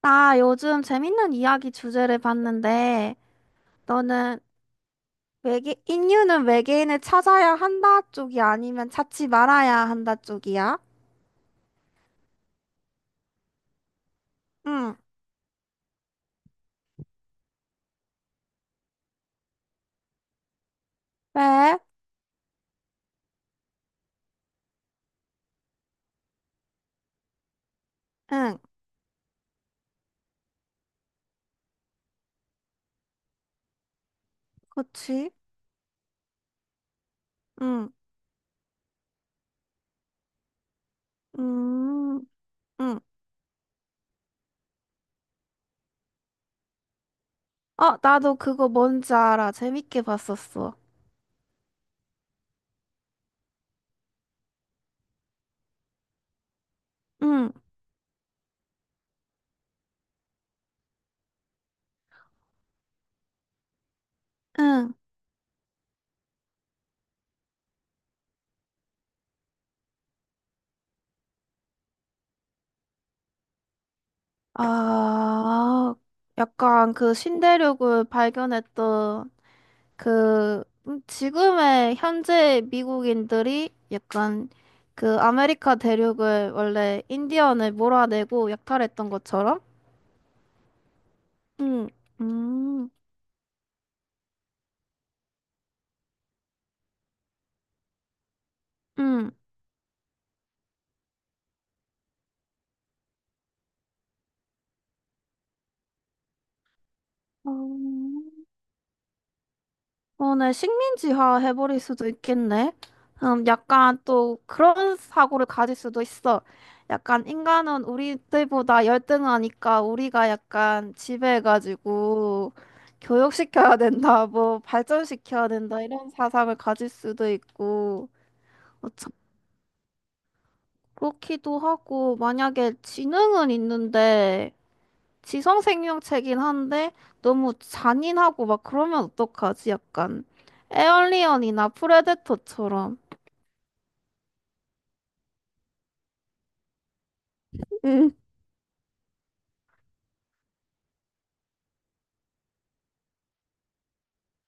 나 요즘 재밌는 이야기 주제를 봤는데, 너는 외계, 인류는 외계인을 찾아야 한다 쪽이 아니면 찾지 말아야 한다 쪽이야? 응, 왜? 응, 그치? 응, 음, 응. 어, 나도 그거 뭔지 알아. 재밌게 봤었어. 응, 응. 아, 약간 그 신대륙을 발견했던 그 지금의 현재 미국인들이 약간 그 아메리카 대륙을 원래 인디언을 몰아내고 약탈했던 것처럼 응 음, 음. 어, 어, 네, 식민지화 해버릴 수도 있겠네. 약간 또 그런 사고를 가질 수도 있어. 약간 인간은 우리들보다 열등하니까 우리가 약간 지배해가지고 교육시켜야 된다, 뭐 발전시켜야 된다, 이런 사상을 가질 수도 있고. 어, 참, 그렇기도 하고, 만약에 지능은 있는데, 지성 생명체긴 한데 너무 잔인하고 막 그러면 어떡하지? 약간 에얼리언이나 프레데터처럼. 응.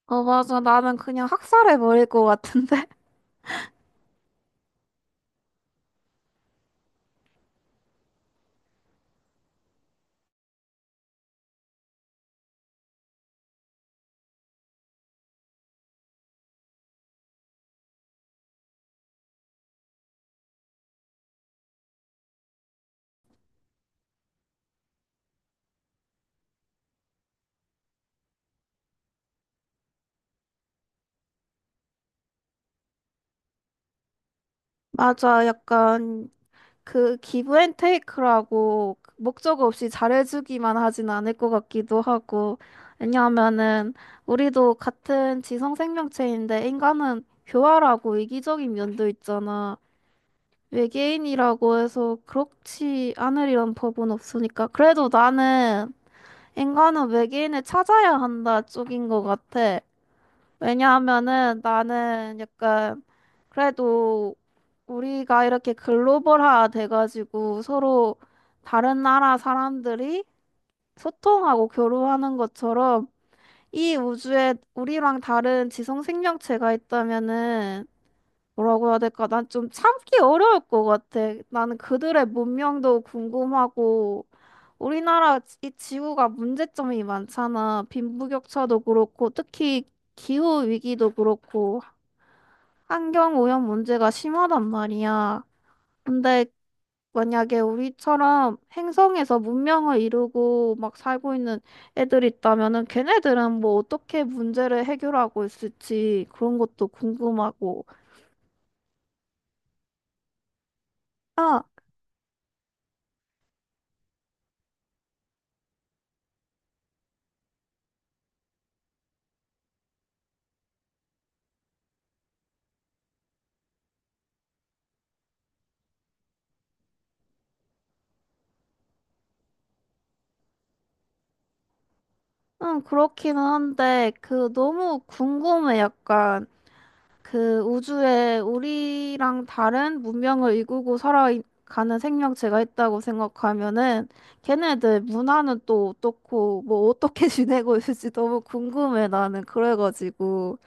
어, 맞아. 나는 그냥 학살해버릴 것 같은데. 맞아. 약간 그 기브 앤 테이크라고 목적 없이 잘해주기만 하진 않을 것 같기도 하고. 왜냐하면은 우리도 같은 지성 생명체인데 인간은 교활하고 이기적인 면도 있잖아. 외계인이라고 해서 그렇지 않으리란 법은 없으니까. 그래도 나는 인간은 외계인을 찾아야 한다 쪽인 것 같아. 왜냐하면은 나는 약간 그래도 우리가 이렇게 글로벌화 돼가지고 서로 다른 나라 사람들이 소통하고 교류하는 것처럼 이 우주에 우리랑 다른 지성 생명체가 있다면은 뭐라고 해야 될까? 난 좀 참기 어려울 것 같아. 나는 그들의 문명도 궁금하고, 우리나라 이 지구가 문제점이 많잖아. 빈부격차도 그렇고, 특히 기후 위기도 그렇고, 환경 오염 문제가 심하단 말이야. 근데 만약에 우리처럼 행성에서 문명을 이루고 막 살고 있는 애들 있다면은 걔네들은 뭐 어떻게 문제를 해결하고 있을지 그런 것도 궁금하고. 아, 응, 그렇기는 한데, 그, 너무 궁금해. 약간, 그, 우주에 우리랑 다른 문명을 이끌고 살아가는 생명체가 있다고 생각하면은, 걔네들 문화는 또 어떻고, 뭐, 어떻게 지내고 있을지 너무 궁금해, 나는. 그래가지고.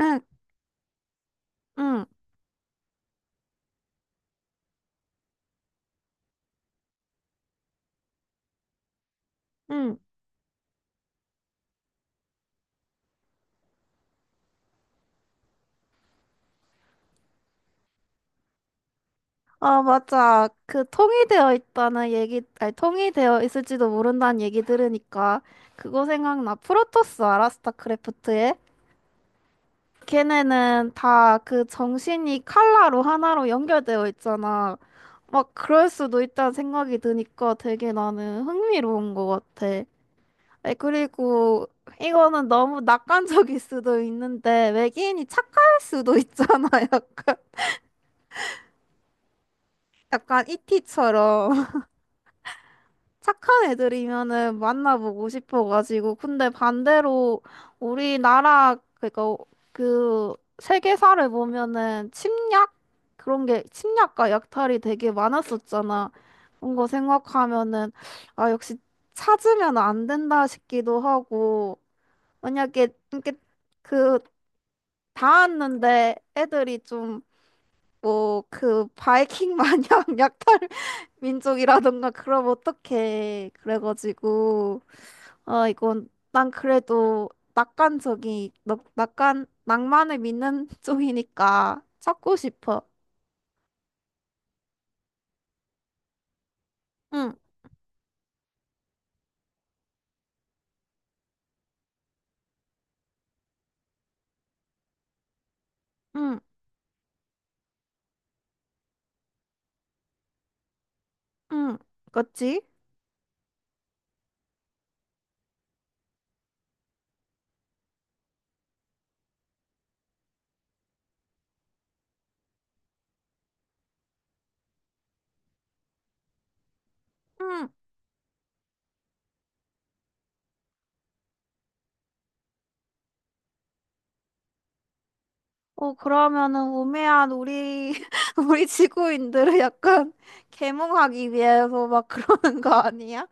응, 응, 응. 아, 맞아. 그, 통일되어 있다는 얘기, 아니, 통일되어 있을지도 모른다는 얘기 들으니까, 그거 생각나. 프로토스 알아? 스타크래프트에? 걔네는 다 그 정신이 칼라로 하나로 연결되어 있잖아. 막 그럴 수도 있다는 생각이 드니까 되게 나는 흥미로운 것 같아. 에, 그리고 이거는 너무 낙관적일 수도 있는데 외계인이 착할 수도 있잖아. 약간, 약간 이티처럼. 착한 애들이면은 만나보고 싶어가지고. 근데 반대로 우리나라, 그니까 그 세계사를 보면은 침략? 그런 게 침략과 약탈이 되게 많았었잖아. 그런 거 생각하면은, 아, 역시 찾으면 안 된다 싶기도 하고. 만약에 이렇게 그 닿았는데 애들이 좀 뭐 그 바이킹 마냥 약탈 민족이라던가 그럼 어떡해. 그래가지고 아 이건 난 그래도 낙관 낭만을 믿는 쪽이니까 찾고 싶어. 응, 응, 응. 그치? 응. 어 그러면은 우매한 우리 우리 지구인들을 약간 계몽하기 위해서 막 그러는 거 아니야?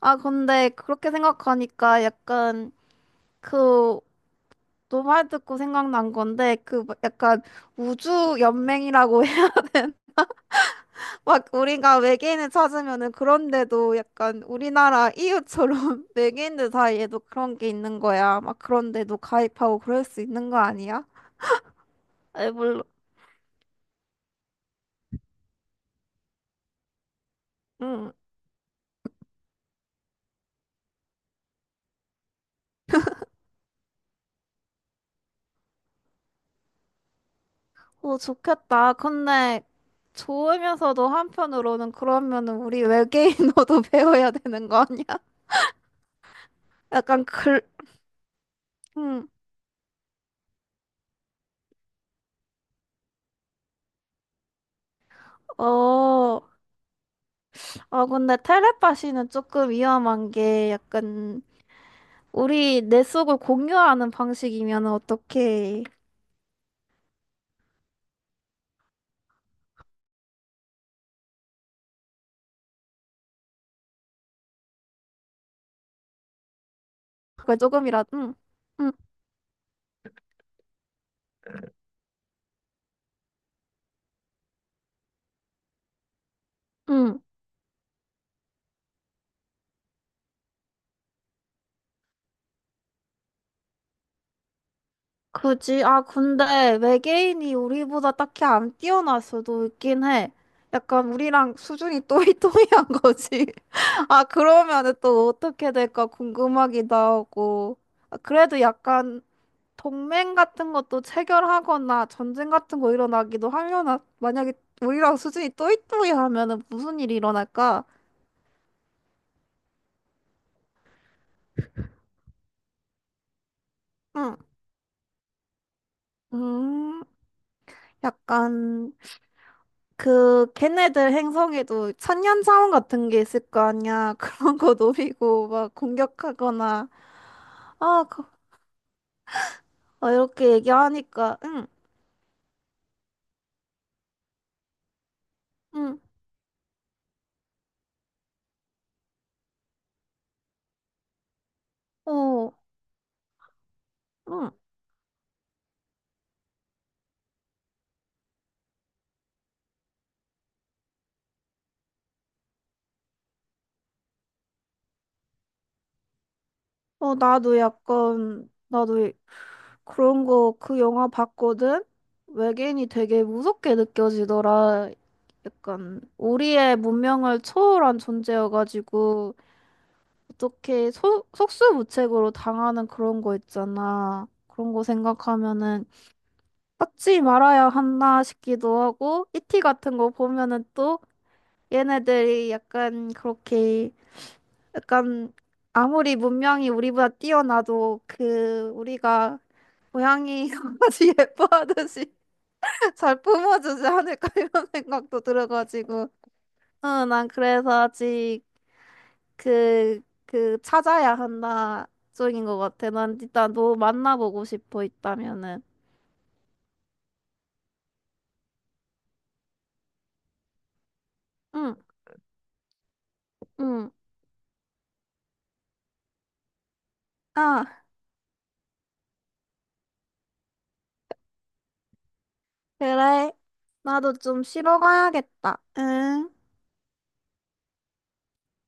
아 근데 그렇게 생각하니까 약간 그 너 말 듣고 생각난 건데 그 막 약간 우주 연맹이라고 해. 막 우리가 외계인을 찾으면은 그런데도 약간 우리나라 이유처럼 외계인들 사이에도 그런 게 있는 거야. 막 그런데도 가입하고 그럴 수 있는 거 아니야? 에 물론 응. 오 좋겠다. 근데 좋으면서도 한편으로는 그러면은 우리 외계인어도 배워야 되는 거 아니야? 약간 글 응. 어. 아, 근데 텔레파시는 조금 위험한 게 약간 우리 내 속을 공유하는 방식이면 어떻게 그걸 조금이라도 응, 응, 응. 그지? 아 근데 외계인이 우리보다 딱히 안 뛰어날 수도 있긴 해. 약간 우리랑 수준이 또이또이한 거지. 아 그러면은 또 어떻게 될까 궁금하기도 하고. 아, 그래도 약간 동맹 같은 것도 체결하거나 전쟁 같은 거 일어나기도 하려나? 만약에 우리랑 수준이 또이또이하면은 무슨 일이 일어날까? 응. 음. 약간 그 걔네들 행성에도 천년 자원 같은 게 있을 거 아니야. 그런 거 노리고 막 공격하거나 아, 그, 아, 이렇게 얘기하니까 응, 응, 어, 응, 어, 나도 약간 나도 이- 그런 거 그 영화 봤거든. 외계인이 되게 무섭게 느껴지더라. 약간 우리의 문명을 초월한 존재여가지고. 어떻게 속수무책으로 당하는 그런 거 있잖아. 그런 거 생각하면은 받지 말아야 한다 싶기도 하고 이티 같은 거 보면은 또 얘네들이 약간 그렇게 약간 아무리 문명이 우리보다 뛰어나도 그 우리가 고양이 강아지 예뻐하듯이 잘 품어주지 않을까 이런 생각도 들어가지고 응, 난 그래서 아직 그, 그, 찾아야 한다, 쪽인 것 같아. 난 일단 너 만나보고 싶어, 있다면은. 응, 응. 아, 그래. 나도 좀 쉬러 가야겠다. 응.